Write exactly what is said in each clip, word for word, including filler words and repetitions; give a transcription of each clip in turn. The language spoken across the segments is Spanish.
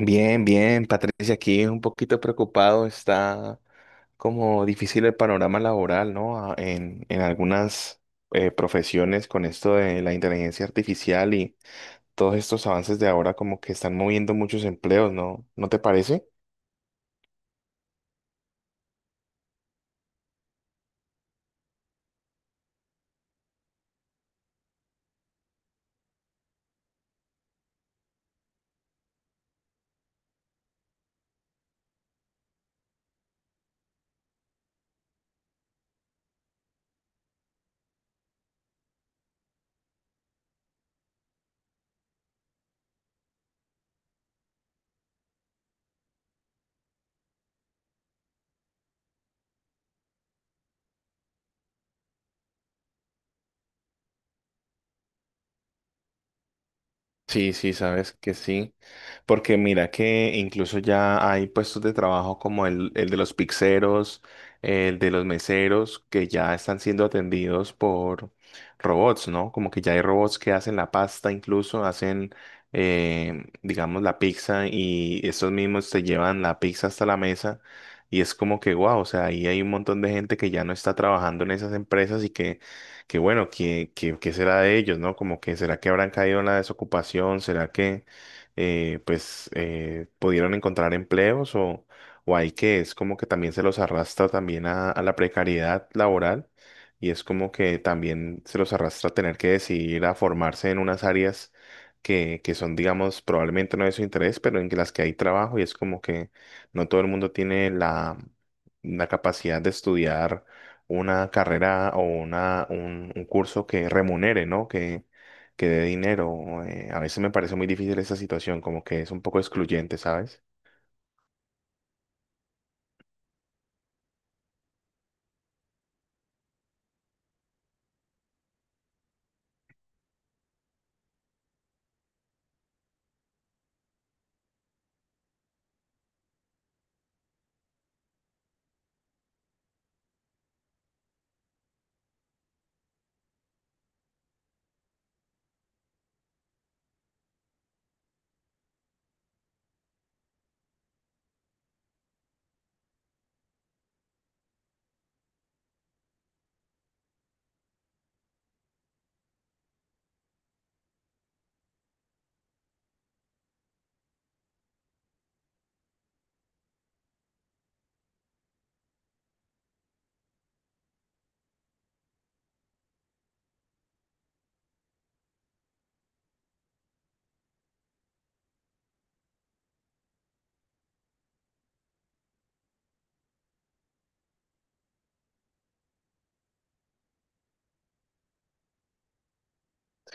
Bien, bien, Patricia, aquí un poquito preocupado, está como difícil el panorama laboral, ¿no? A- En, en algunas eh, profesiones con esto de la inteligencia artificial y todos estos avances de ahora como que están moviendo muchos empleos, ¿no? ¿No te parece? Sí, sí, sabes que sí, porque mira que incluso ya hay puestos de trabajo como el, el de los pizzeros, el de los meseros, que ya están siendo atendidos por robots, ¿no? Como que ya hay robots que hacen la pasta, incluso hacen, eh, digamos, la pizza y estos mismos te llevan la pizza hasta la mesa y es como que, wow, o sea, ahí hay un montón de gente que ya no está trabajando en esas empresas y que que bueno, que que que será de ellos, ¿no? Como que será que habrán caído en la desocupación, será que eh, pues eh, pudieron encontrar empleos o, o hay que es como que también se los arrastra también a, a la precariedad laboral y es como que también se los arrastra a tener que decidir a formarse en unas áreas que, que son, digamos, probablemente no de su interés, pero en las que hay trabajo y es como que no todo el mundo tiene la, la capacidad de estudiar una carrera o una, un, un curso que remunere, ¿no? Que, que dé dinero. Eh, a veces me parece muy difícil esa situación, como que es un poco excluyente, ¿sabes?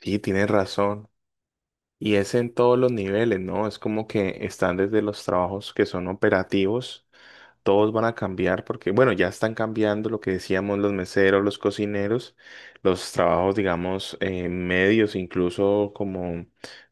Sí, tienes razón. Y es en todos los niveles, ¿no? Es como que están desde los trabajos que son operativos. Todos van a cambiar porque, bueno, ya están cambiando lo que decíamos, los meseros, los cocineros, los trabajos, digamos, eh, medios, incluso como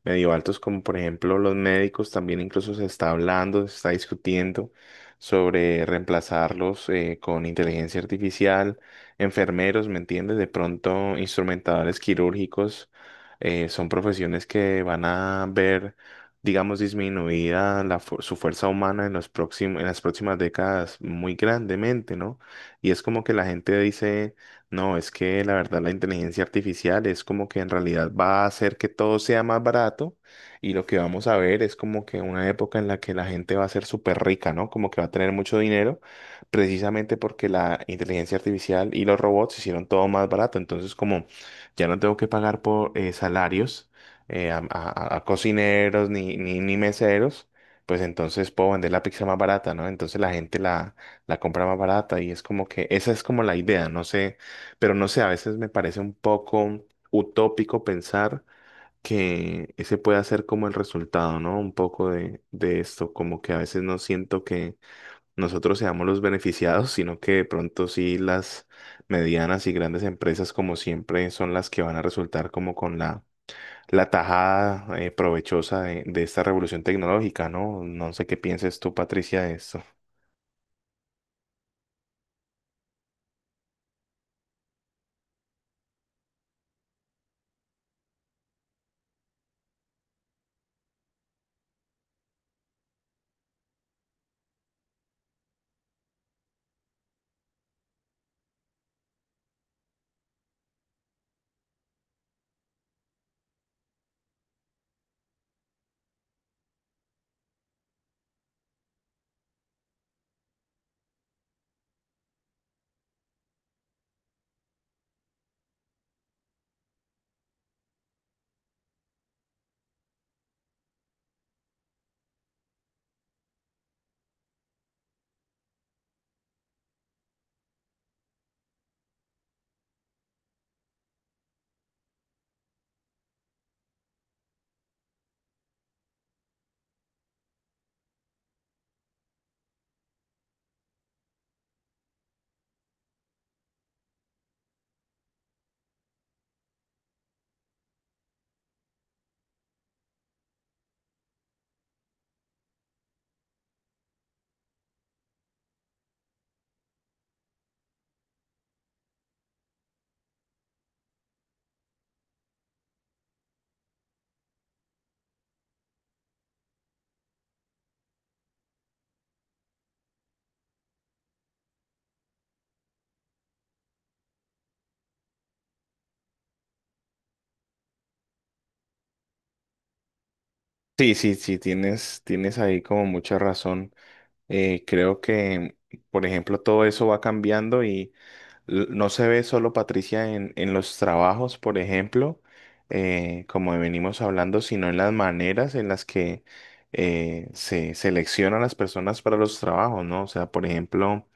medio altos, como por ejemplo los médicos, también incluso se está hablando, se está discutiendo sobre reemplazarlos eh, con inteligencia artificial, enfermeros, ¿me entiendes? De pronto, instrumentadores quirúrgicos, eh, son profesiones que van a ver digamos, disminuida la fu- su fuerza humana en los próxim- en las próximas décadas muy grandemente, ¿no? Y es como que la gente dice, no, es que la verdad la inteligencia artificial es como que en realidad va a hacer que todo sea más barato y lo que vamos a ver es como que una época en la que la gente va a ser súper rica, ¿no? Como que va a tener mucho dinero precisamente porque la inteligencia artificial y los robots hicieron todo más barato, entonces como ya no tengo que pagar por eh, salarios eh, a, a- a cocineros ni, ni, ni meseros, pues entonces puedo vender la pizza más barata, ¿no? Entonces la gente la, la compra más barata y es como que esa es como la idea, no sé, pero no sé, a veces me parece un poco utópico pensar que ese puede ser como el resultado, ¿no? Un poco de, de esto, como que a veces no siento que nosotros seamos los beneficiados, sino que de pronto sí las medianas y grandes empresas como siempre son las que van a resultar como con la la tajada eh, provechosa de, de esta revolución tecnológica, ¿no? No sé qué pienses tú, Patricia, de esto. Sí, sí, sí, tienes, tienes ahí como mucha razón. Eh, creo que, por ejemplo, todo eso va cambiando y l- no se ve solo Patricia en, en los trabajos, por ejemplo, eh, como venimos hablando, sino en las maneras en las que eh, se seleccionan las personas para los trabajos, ¿no? O sea, por ejemplo,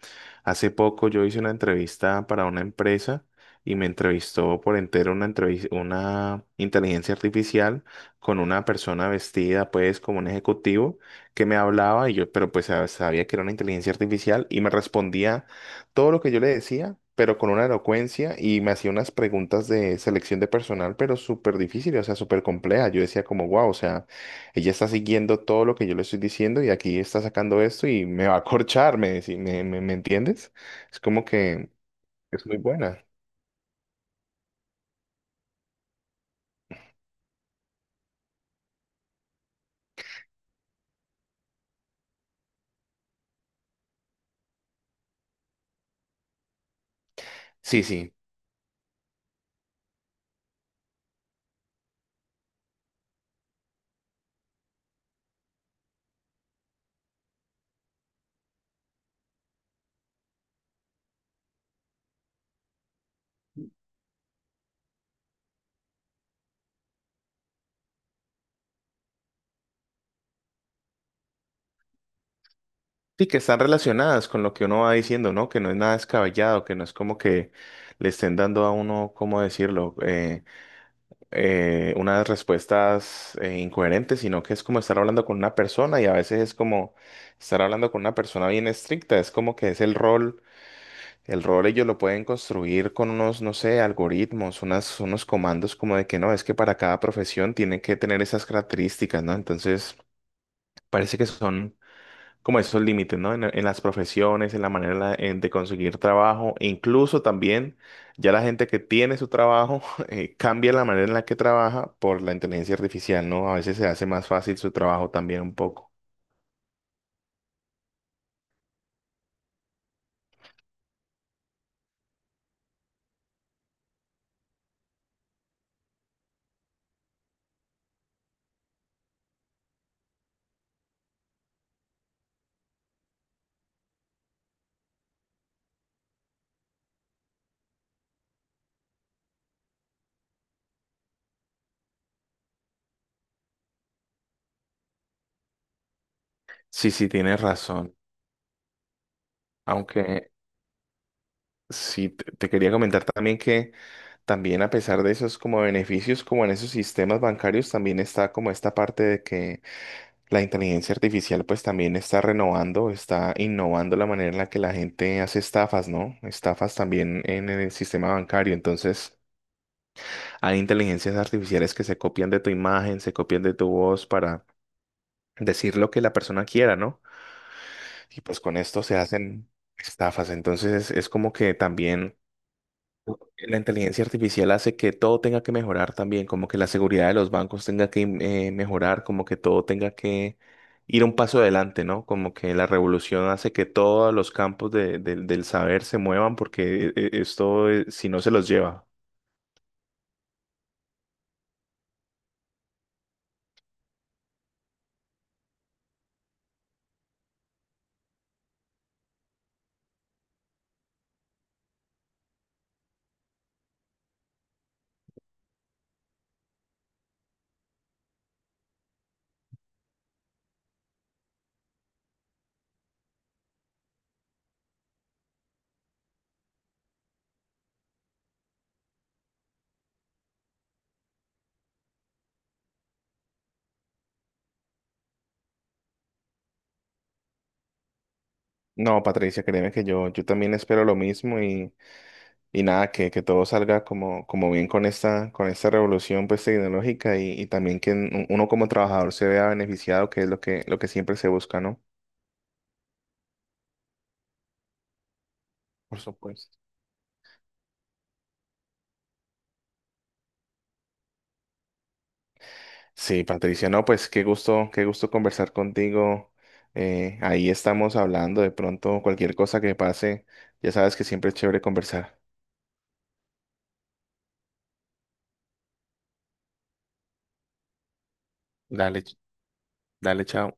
hace poco yo hice una entrevista para una empresa y me entrevistó por entero una entrevis- una inteligencia artificial con una persona vestida, pues, como un ejecutivo que me hablaba y yo, pero pues sab- sabía que era una inteligencia artificial y me respondía todo lo que yo le decía, pero con una elocuencia y me hacía unas preguntas de selección de personal, pero súper difíciles, o sea, súper complejas. Yo decía como, wow, o sea, ella está siguiendo todo lo que yo le estoy diciendo y aquí está sacando esto y me va a corchar, me, decí- me, me, ¿me entiendes? Es como que es muy buena. Sí, sí. Sí, que están relacionadas con lo que uno va diciendo, ¿no? Que no es nada descabellado, que no es como que le estén dando a uno, ¿cómo decirlo? Eh, eh, unas respuestas eh, incoherentes, sino que es como estar hablando con una persona y a veces es como estar hablando con una persona bien estricta, es como que es el rol, el rol ellos lo pueden construir con unos, no sé, algoritmos, unas, unos comandos como de que no, es que para cada profesión tienen que tener esas características, ¿no? Entonces, parece que son como esos límites, ¿no? En, en las profesiones, en la manera en la- en- de conseguir trabajo, e incluso también ya la gente que tiene su trabajo eh, cambia la manera en la que trabaja por la inteligencia artificial, ¿no? A veces se hace más fácil su trabajo también un poco. Sí, sí, tienes razón. Aunque sí, te te quería comentar también que también a pesar de esos como beneficios, como en esos sistemas bancarios, también está como esta parte de que la inteligencia artificial pues también está renovando, está innovando la manera en la que la gente hace estafas, ¿no? Estafas también en el sistema bancario. Entonces, hay inteligencias artificiales que se copian de tu imagen, se copian de tu voz para decir lo que la persona quiera, ¿no? Y pues con esto se hacen estafas. Entonces, es como que también la inteligencia artificial hace que todo tenga que mejorar también, como que la seguridad de los bancos tenga que eh, mejorar, como que todo tenga que ir un paso adelante, ¿no? Como que la revolución hace que todos los campos de- del del saber se muevan porque eh, eh, esto, eh, si no, se los lleva. No, Patricia, créeme que yo, yo también espero lo mismo. Y nada, que, que todo salga como, como bien con esta, con esta revolución pues, tecnológica y, y también que n- uno como trabajador se vea beneficiado, que es lo que, lo que siempre se busca, ¿no? Por supuesto. Sí, Patricia, no, pues qué gusto, qué gusto conversar contigo. Eh, ahí estamos hablando de pronto cualquier cosa que pase, ya sabes que siempre es chévere conversar. Dale, ch- dale, chao.